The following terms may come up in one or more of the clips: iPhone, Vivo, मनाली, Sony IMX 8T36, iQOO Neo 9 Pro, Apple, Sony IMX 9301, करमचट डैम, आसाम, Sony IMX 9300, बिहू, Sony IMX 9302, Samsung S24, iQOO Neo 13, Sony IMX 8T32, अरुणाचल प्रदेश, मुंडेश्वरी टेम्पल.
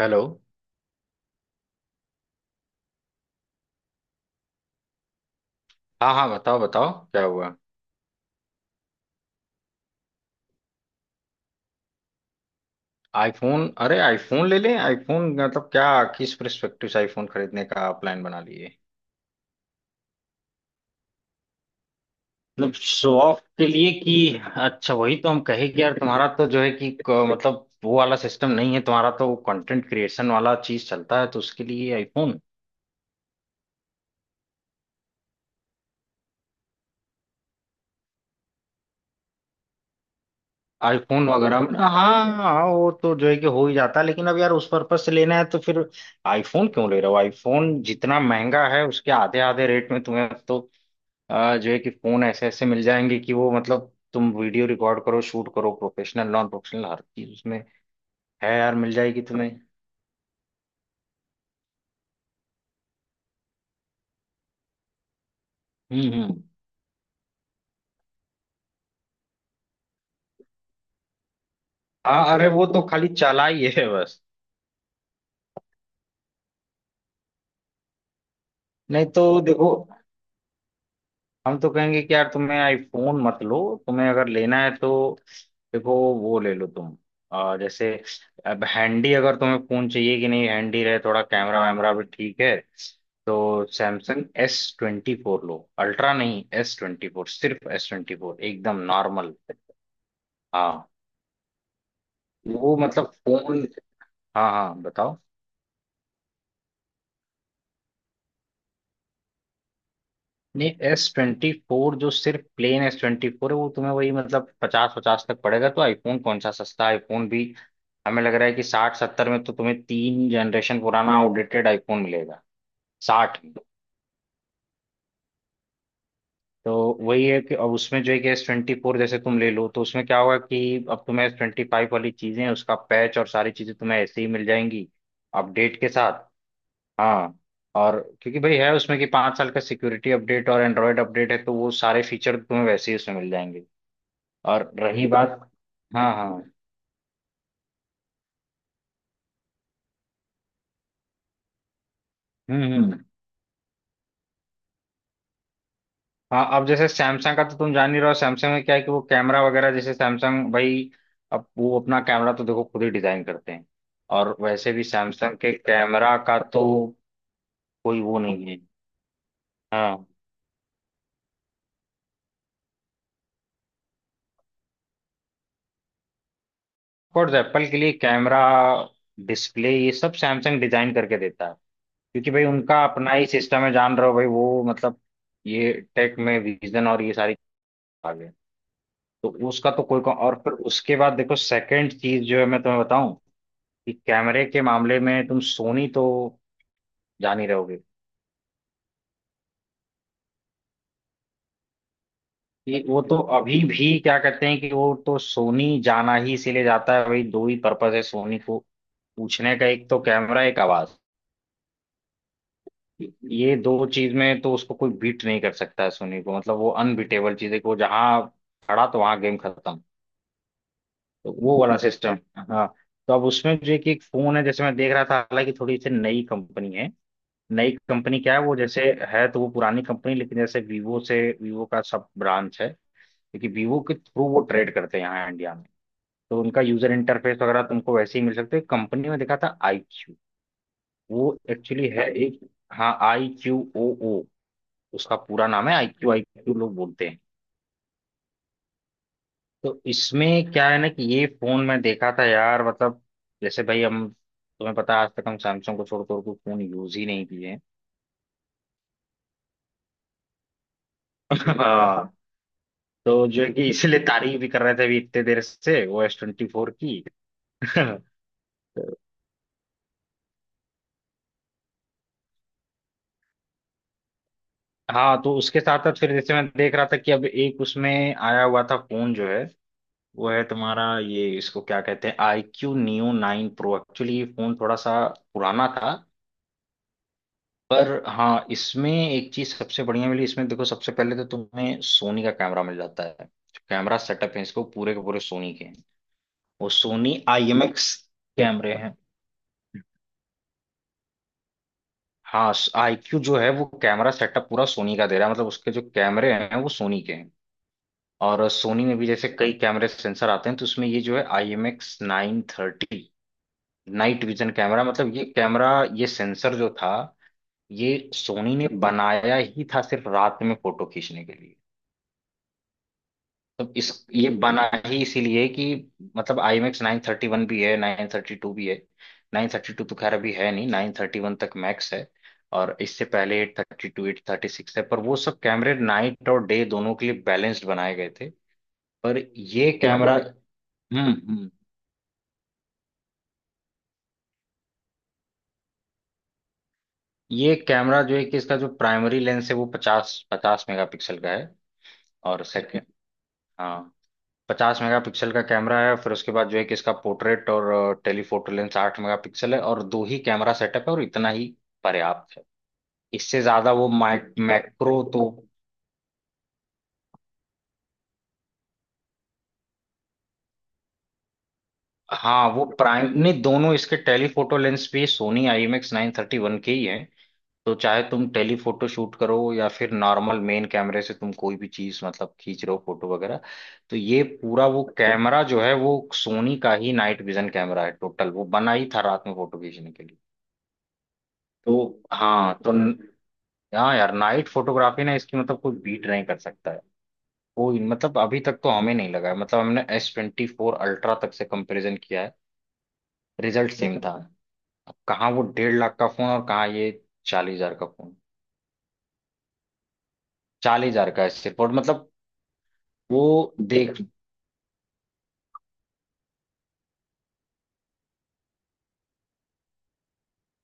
Hello. हाँ हाँ, बताओ बताओ, क्या हुआ? आईफोन? अरे आईफोन ले लें? आईफोन मतलब क्या? किस पर्सपेक्टिव से आईफोन खरीदने का प्लान बना लिए? मतलब शो ऑफ के लिए कि अच्छा? वही तो हम कहे कि यार तुम्हारा तो जो है कि मतलब वो वाला सिस्टम नहीं है, तुम्हारा तो कंटेंट क्रिएशन वाला चीज चलता है तो उसके लिए आईफोन आईफोन वगैरह में। हाँ हाँ, वो तो जो है कि हो ही जाता है, लेकिन अब यार उस पर्पज से लेना है तो फिर आईफोन क्यों ले रहे हो? आईफोन जितना महंगा है उसके आधे आधे रेट में तुम्हें तो जो है कि फोन ऐसे ऐसे मिल जाएंगे कि वो मतलब तुम वीडियो रिकॉर्ड करो, शूट करो, प्रोफेशनल नॉन प्रोफेशनल हर चीज उसमें है यार, मिल जाएगी तुम्हें। हम्म। हाँ अरे वो तो खाली चालाई है बस। नहीं तो देखो, हम तो कहेंगे कि यार तुम्हें आईफोन मत लो। तुम्हें अगर लेना है तो देखो वो ले लो तुम। जैसे अब हैंडी अगर तुम्हें फोन चाहिए, कि नहीं हैंडी रहे, थोड़ा कैमरा वैमरा भी ठीक है, तो सैमसंग एस ट्वेंटी फोर लो, अल्ट्रा नहीं, एस ट्वेंटी फोर, सिर्फ एस ट्वेंटी फोर एकदम नॉर्मल। हाँ वो मतलब फोन। हाँ हाँ बताओ। नहीं, एस ट्वेंटी फोर जो सिर्फ प्लेन एस ट्वेंटी फोर है वो तुम्हें वही मतलब पचास पचास तक पड़ेगा। तो आईफोन कौन सा सस्ता आईफोन भी? हमें लग रहा है कि साठ सत्तर में तो तुम्हें तीन जनरेशन पुराना आउटडेटेड आईफोन मिलेगा। साठ में। तो वही है कि अब उसमें जो है कि एस ट्वेंटी फोर जैसे तुम ले लो, तो उसमें क्या होगा कि अब तुम्हें एस ट्वेंटी फाइव वाली चीजें, उसका पैच और सारी चीजें तुम्हें ऐसे ही मिल जाएंगी अपडेट के साथ। हाँ, और क्योंकि भाई है उसमें कि 5 साल का सिक्योरिटी अपडेट और एंड्रॉयड अपडेट है तो वो सारे फीचर तुम्हें वैसे ही उसमें मिल जाएंगे। और रही बात। हाँ हाँ। हम्म। हाँ, अब जैसे सैमसंग का तो तुम जान ही रहो, सैमसंग में क्या है कि वो कैमरा वगैरह, जैसे सैमसंग भाई अब वो अपना कैमरा तो देखो खुद ही डिजाइन करते हैं। और वैसे भी सैमसंग के कैमरा का तो कोई वो नहीं है। हाँ, ऑफकोर्स एप्पल के लिए कैमरा, डिस्प्ले, ये सब सैमसंग डिजाइन करके देता है। क्योंकि भाई उनका अपना ही सिस्टम है, जान रहे हो भाई, वो मतलब ये टेक में विजन और ये सारी आगे, तो उसका तो कोई और फिर उसके बाद देखो सेकंड चीज जो है मैं तुम्हें बताऊं कि कैमरे के मामले में तुम सोनी तो जान ही रहोगे कि वो तो अभी भी क्या कहते हैं कि वो तो सोनी जाना ही इसीलिए जाता है भाई, दो ही पर्पज है सोनी को पूछने का, एक तो कैमरा, एक आवाज। ये दो चीज में तो उसको कोई बीट नहीं कर सकता है, सोनी को मतलब वो अनबीटेबल चीज है, कि वो जहां खड़ा तो वहां गेम खत्म। तो वो वाला सिस्टम। हाँ, तो अब उसमें जो है कि एक फोन है जैसे मैं देख रहा था, हालांकि थोड़ी सी नई कंपनी है, नई कंपनी क्या है वो जैसे है तो वो पुरानी कंपनी, लेकिन जैसे वीवो से, वीवो का सब ब्रांच है, क्योंकि वीवो के थ्रू वो ट्रेड करते हैं यहाँ इंडिया में, तो उनका यूजर इंटरफेस वगैरह तुमको वैसे ही मिल सकते हैं। कंपनी में देखा था आई क्यू, वो एक्चुअली है एक। हाँ आई क्यू ओ ओ, उसका पूरा नाम है, आई क्यू लोग बोलते हैं। तो इसमें क्या है ना कि ये फोन मैं देखा था यार, मतलब जैसे भाई, हम तुम्हें पता है आज तक हम सैमसंग को छोड़ कर कोई फोन यूज ही नहीं किए हैं। हाँ, तो जो है कि इसीलिए तारीफ भी कर रहे थे अभी इतने देर से ओ एस ट्वेंटी फोर की। तो- हाँ, तो उसके साथ साथ फिर जैसे मैं देख रहा था कि अब एक उसमें आया हुआ था फोन जो है वो है तुम्हारा ये, इसको क्या कहते हैं, I Q Neo nine Pro. Actually ये फोन थोड़ा सा पुराना था। पर हाँ, इसमें एक चीज सबसे बढ़िया मिली, इसमें देखो सबसे पहले तो तुम्हें सोनी का कैमरा मिल जाता है, कैमरा सेटअप है इसको पूरे के पूरे सोनी के हैं, वो सोनी आई एम एक्स कैमरे हैं। हाँ, आई क्यू जो है वो कैमरा सेटअप पूरा सोनी का दे रहा है, मतलब उसके जो कैमरे हैं वो सोनी के हैं। और सोनी में भी जैसे कई कैमरे सेंसर आते हैं, तो उसमें ये जो है I M X nine thirty night vision camera, मतलब ये कैमरा, ये सेंसर जो था, ये सोनी ने बनाया ही था सिर्फ रात में फोटो खींचने के लिए। तो इस ये बना ही इसीलिए कि मतलब I max nine thirty one भी है, नाइन थर्टी टू भी है। नाइन थर्टी टू तो खैर अभी है नहीं, नाइन थर्टी वन तक मैक्स है। और इससे पहले eight thirty two, eight thirty six है, पर वो सब कैमरे नाइट और डे दोनों के लिए बैलेंस्ड बनाए गए थे। पर ये कैमरा। हम्म। ये कैमरा जो है कि इसका जो प्राइमरी लेंस है वो 50 मेगापिक्सल का है। और सेकंड। हाँ, 50 मेगापिक्सल का कैमरा है, फिर उसके बाद जो है कि इसका पोर्ट्रेट और टेलीफोटो लेंस 8 मेगापिक्सल है, और दो ही कैमरा सेटअप है और इतना ही पर्याप्त है। इससे ज्यादा वो माइक मैक्रो तो। हाँ, वो प्राइम नहीं, दोनों इसके टेलीफोटो लेंस भी Sony I M X nine thirty one के ही हैं। तो चाहे तुम टेलीफोटो शूट करो या फिर नॉर्मल मेन कैमरे से तुम कोई भी चीज मतलब खींच रहे हो फोटो वगैरह, तो ये पूरा वो कैमरा जो है वो सोनी का ही नाइट विजन कैमरा है टोटल, वो बना ही था रात में फोटो खींचने के लिए। तो हाँ, तो हाँ यार नाइट फोटोग्राफी ना इसकी मतलब कोई बीट नहीं कर सकता है, कोई मतलब अभी तक तो हमें नहीं लगा है। मतलब हमने एस ट्वेंटी फोर अल्ट्रा तक से कंपैरिजन किया है, रिजल्ट सेम था। अब कहाँ वो 1.5 लाख का फोन और कहाँ ये 40 हजार का फोन। 40 हजार का है सिर्फ। और मतलब वो देख।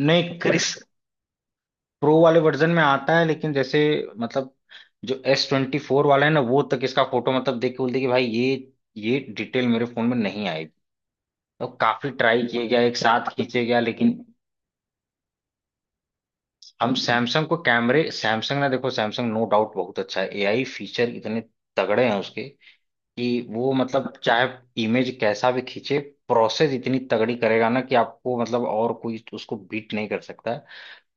नहीं क्रिस, प्रो वाले वर्जन में आता है, लेकिन जैसे मतलब जो एस ट्वेंटी फोर वाला है ना, वो तक इसका फोटो मतलब देख के बोलते हैं कि भाई ये डिटेल मेरे फोन में नहीं आई। तो काफी ट्राई किए गया, एक साथ खींचे गया लेकिन। हम सैमसंग को कैमरे, सैमसंग ना देखो, सैमसंग नो डाउट बहुत अच्छा है, एआई फीचर इतने तगड़े हैं उसके कि वो मतलब चाहे इमेज कैसा भी खींचे, प्रोसेस इतनी तगड़ी करेगा ना कि आपको मतलब और कोई उसको बीट नहीं कर सकता है।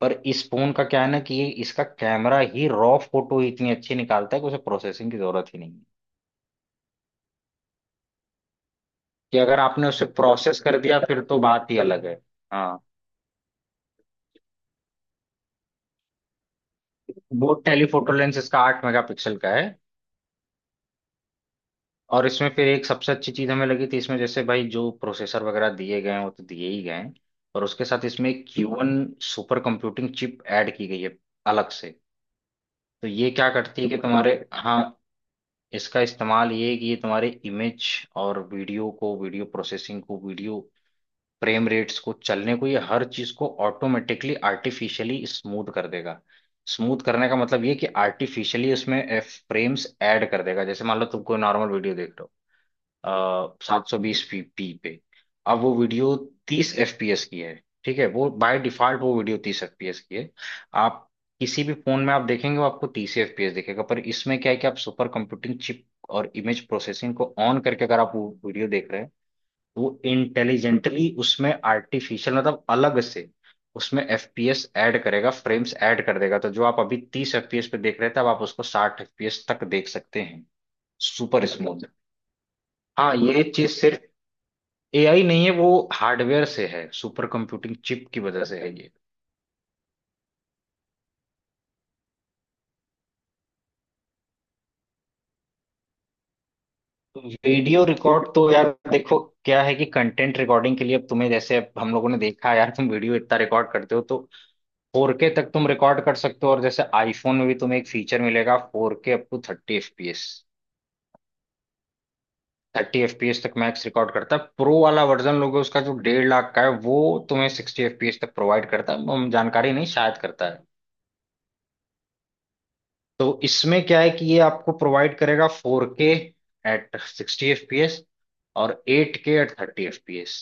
पर इस फोन का क्या है ना कि ये इसका कैमरा ही रॉ फोटो ही इतनी अच्छी निकालता है कि उसे प्रोसेसिंग की जरूरत ही नहीं है कि अगर आपने उसे प्रोसेस कर दिया फिर तो बात ही अलग है। हाँ, वो टेलीफोटो लेंस इसका 8 मेगापिक्सल का है। और इसमें फिर एक सबसे अच्छी चीज हमें लगी थी इसमें जैसे भाई जो प्रोसेसर वगैरह दिए गए हैं वो तो दिए ही गए हैं, और उसके साथ इसमें एक Q one super computing chip add की गई है अलग से। तो ये क्या करती है कि तुम्हारे, हाँ, इसका इस्तेमाल ये है कि ये तुम्हारे इमेज और वीडियो को, वीडियो प्रोसेसिंग को, वीडियो फ्रेम रेट्स को, चलने को, ये हर चीज को ऑटोमेटिकली आर्टिफिशियली स्मूथ कर देगा। स्मूथ करने का मतलब ये कि आर्टिफिशियली उसमें फ्रेम्स ऐड कर देगा, जैसे मान लो तुम कोई नॉर्मल वीडियो देख रहे हो 720p पे, अब वो वीडियो 30 FPS की है। ठीक है, वो बाय डिफॉल्ट वो वीडियो तीस एफ पी एस की है। आप किसी भी फोन में आप देखेंगे वो आपको 30 FPS दिखेगा, पर इसमें क्या है कि आप सुपर कंप्यूटिंग चिप और इमेज प्रोसेसिंग को ऑन करके अगर आप वो वीडियो देख रहे हैं, तो वो इंटेलिजेंटली उसमें आर्टिफिशियल मतलब अलग से उसमें एफ पी एस ऐड करेगा, फ्रेम्स ऐड कर देगा, तो जो आप अभी 30 FPS पे देख रहे थे अब आप उसको 60 FPS तक देख सकते हैं, सुपर स्मूथ। हाँ, ये चीज सिर्फ एआई नहीं है, वो हार्डवेयर से है, सुपर कंप्यूटिंग चिप की वजह से है ये। वीडियो रिकॉर्ड तो यार देखो क्या है कि कंटेंट रिकॉर्डिंग के लिए अब तुम्हें जैसे, अब हम लोगों ने देखा यार तुम वीडियो इतना रिकॉर्ड करते हो, तो 4K तक तुम रिकॉर्ड कर सकते हो, और जैसे आईफोन में भी तुम्हें एक फीचर मिलेगा 4K up to 30 FPS, 30 FPS तक मैक्स रिकॉर्ड करता है। प्रो वाला वर्जन लोगे उसका जो 1.5 लाख का है, वो तुम्हें 60 एफपीएस तक प्रोवाइड करता है, हम जानकारी नहीं शायद करता है। तो इसमें क्या है कि ये आपको प्रोवाइड करेगा four K at sixty fps और eight K at thirty fps।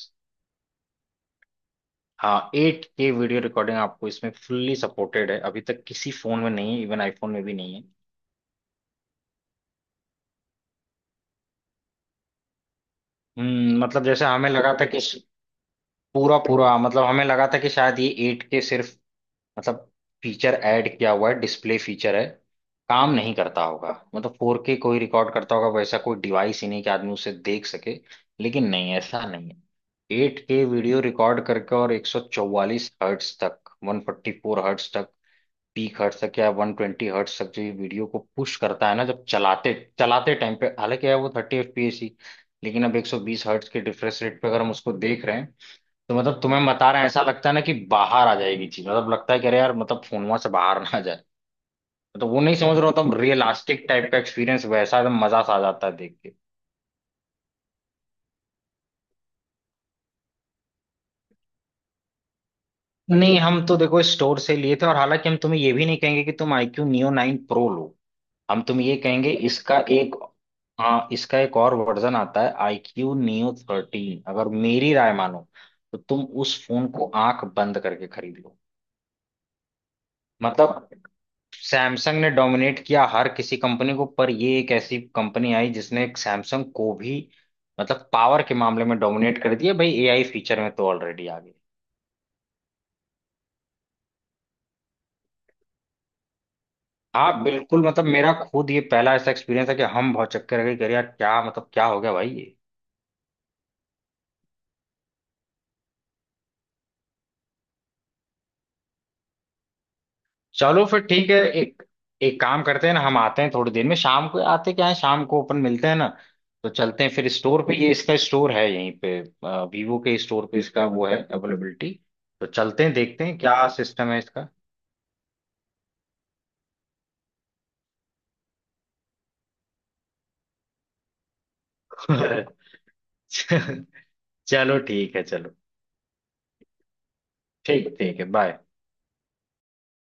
हाँ, एट के वीडियो रिकॉर्डिंग आपको इसमें फुल्ली सपोर्टेड है, अभी तक किसी फोन में नहीं है, इवन आईफोन में भी नहीं है। हम्म, मतलब जैसे हमें लगा था कि पूरा पूरा मतलब हमें लगा था कि शायद ये एट के सिर्फ मतलब फीचर ऐड किया हुआ है, डिस्प्ले फीचर है, काम नहीं करता होगा। मतलब फोर के कोई रिकॉर्ड करता होगा, वैसा कोई डिवाइस ही नहीं कि आदमी उसे देख सके, लेकिन नहीं ऐसा नहीं है। एट के वीडियो रिकॉर्ड करके और 144 Hz तक, 144 Hz तक पीक हर्ट्स तक, या 120 Hz तक जो ये वीडियो को पुश करता है ना, जब चलाते चलाते टाइम पे, हालांकि है वो 30 FPS ही, लेकिन अब 120 Hz के रिफ्रेश रेट पे अगर हम उसको देख रहे हैं, तो मतलब तुम्हें बता रहे हैं, ऐसा लगता है ना कि बाहर आ जाएगी चीज, मतलब लगता है कि अरे यार मतलब फोन वहां से बाहर ना आ जाए। तो वो नहीं समझ रहा होता। रियलिस्टिक टाइप का एक्सपीरियंस वैसा एकदम मजा सा आ जाता है देख के। नहीं, हम तो देखो स्टोर से लिए थे, और हालांकि हम तुम्हें ये भी नहीं कहेंगे कि तुम iQ Neo 9 Pro लो, हम तुम्हें ये कहेंगे इसका एक, हाँ, इसका एक और वर्जन आता है iQ Neo 13, अगर मेरी राय मानो तो तुम उस फोन को आंख बंद करके खरीद लो। मतलब सैमसंग ने डोमिनेट किया हर किसी कंपनी को, पर ये एक ऐसी कंपनी आई जिसने एक सैमसंग को भी मतलब पावर के मामले में डोमिनेट कर दिया भाई, एआई फीचर में तो ऑलरेडी आ गई। हाँ बिल्कुल, मतलब मेरा खुद ये पहला ऐसा एक्सपीरियंस है कि हम बहुत चक्कर रह गए कि अरे यार क्या मतलब क्या हो गया भाई ये। चलो फिर ठीक है, एक एक काम करते हैं ना, हम आते हैं थोड़ी देर में, शाम को आते क्या है, शाम को अपन मिलते हैं ना, तो चलते हैं फिर स्टोर पे, ये इसका स्टोर है यहीं पे, वीवो के स्टोर पे इसका वो है अवेलेबिलिटी, तो चलते हैं देखते हैं क्या सिस्टम है इसका। चलो ठीक है चलो। ठीक ठीक है, बाय।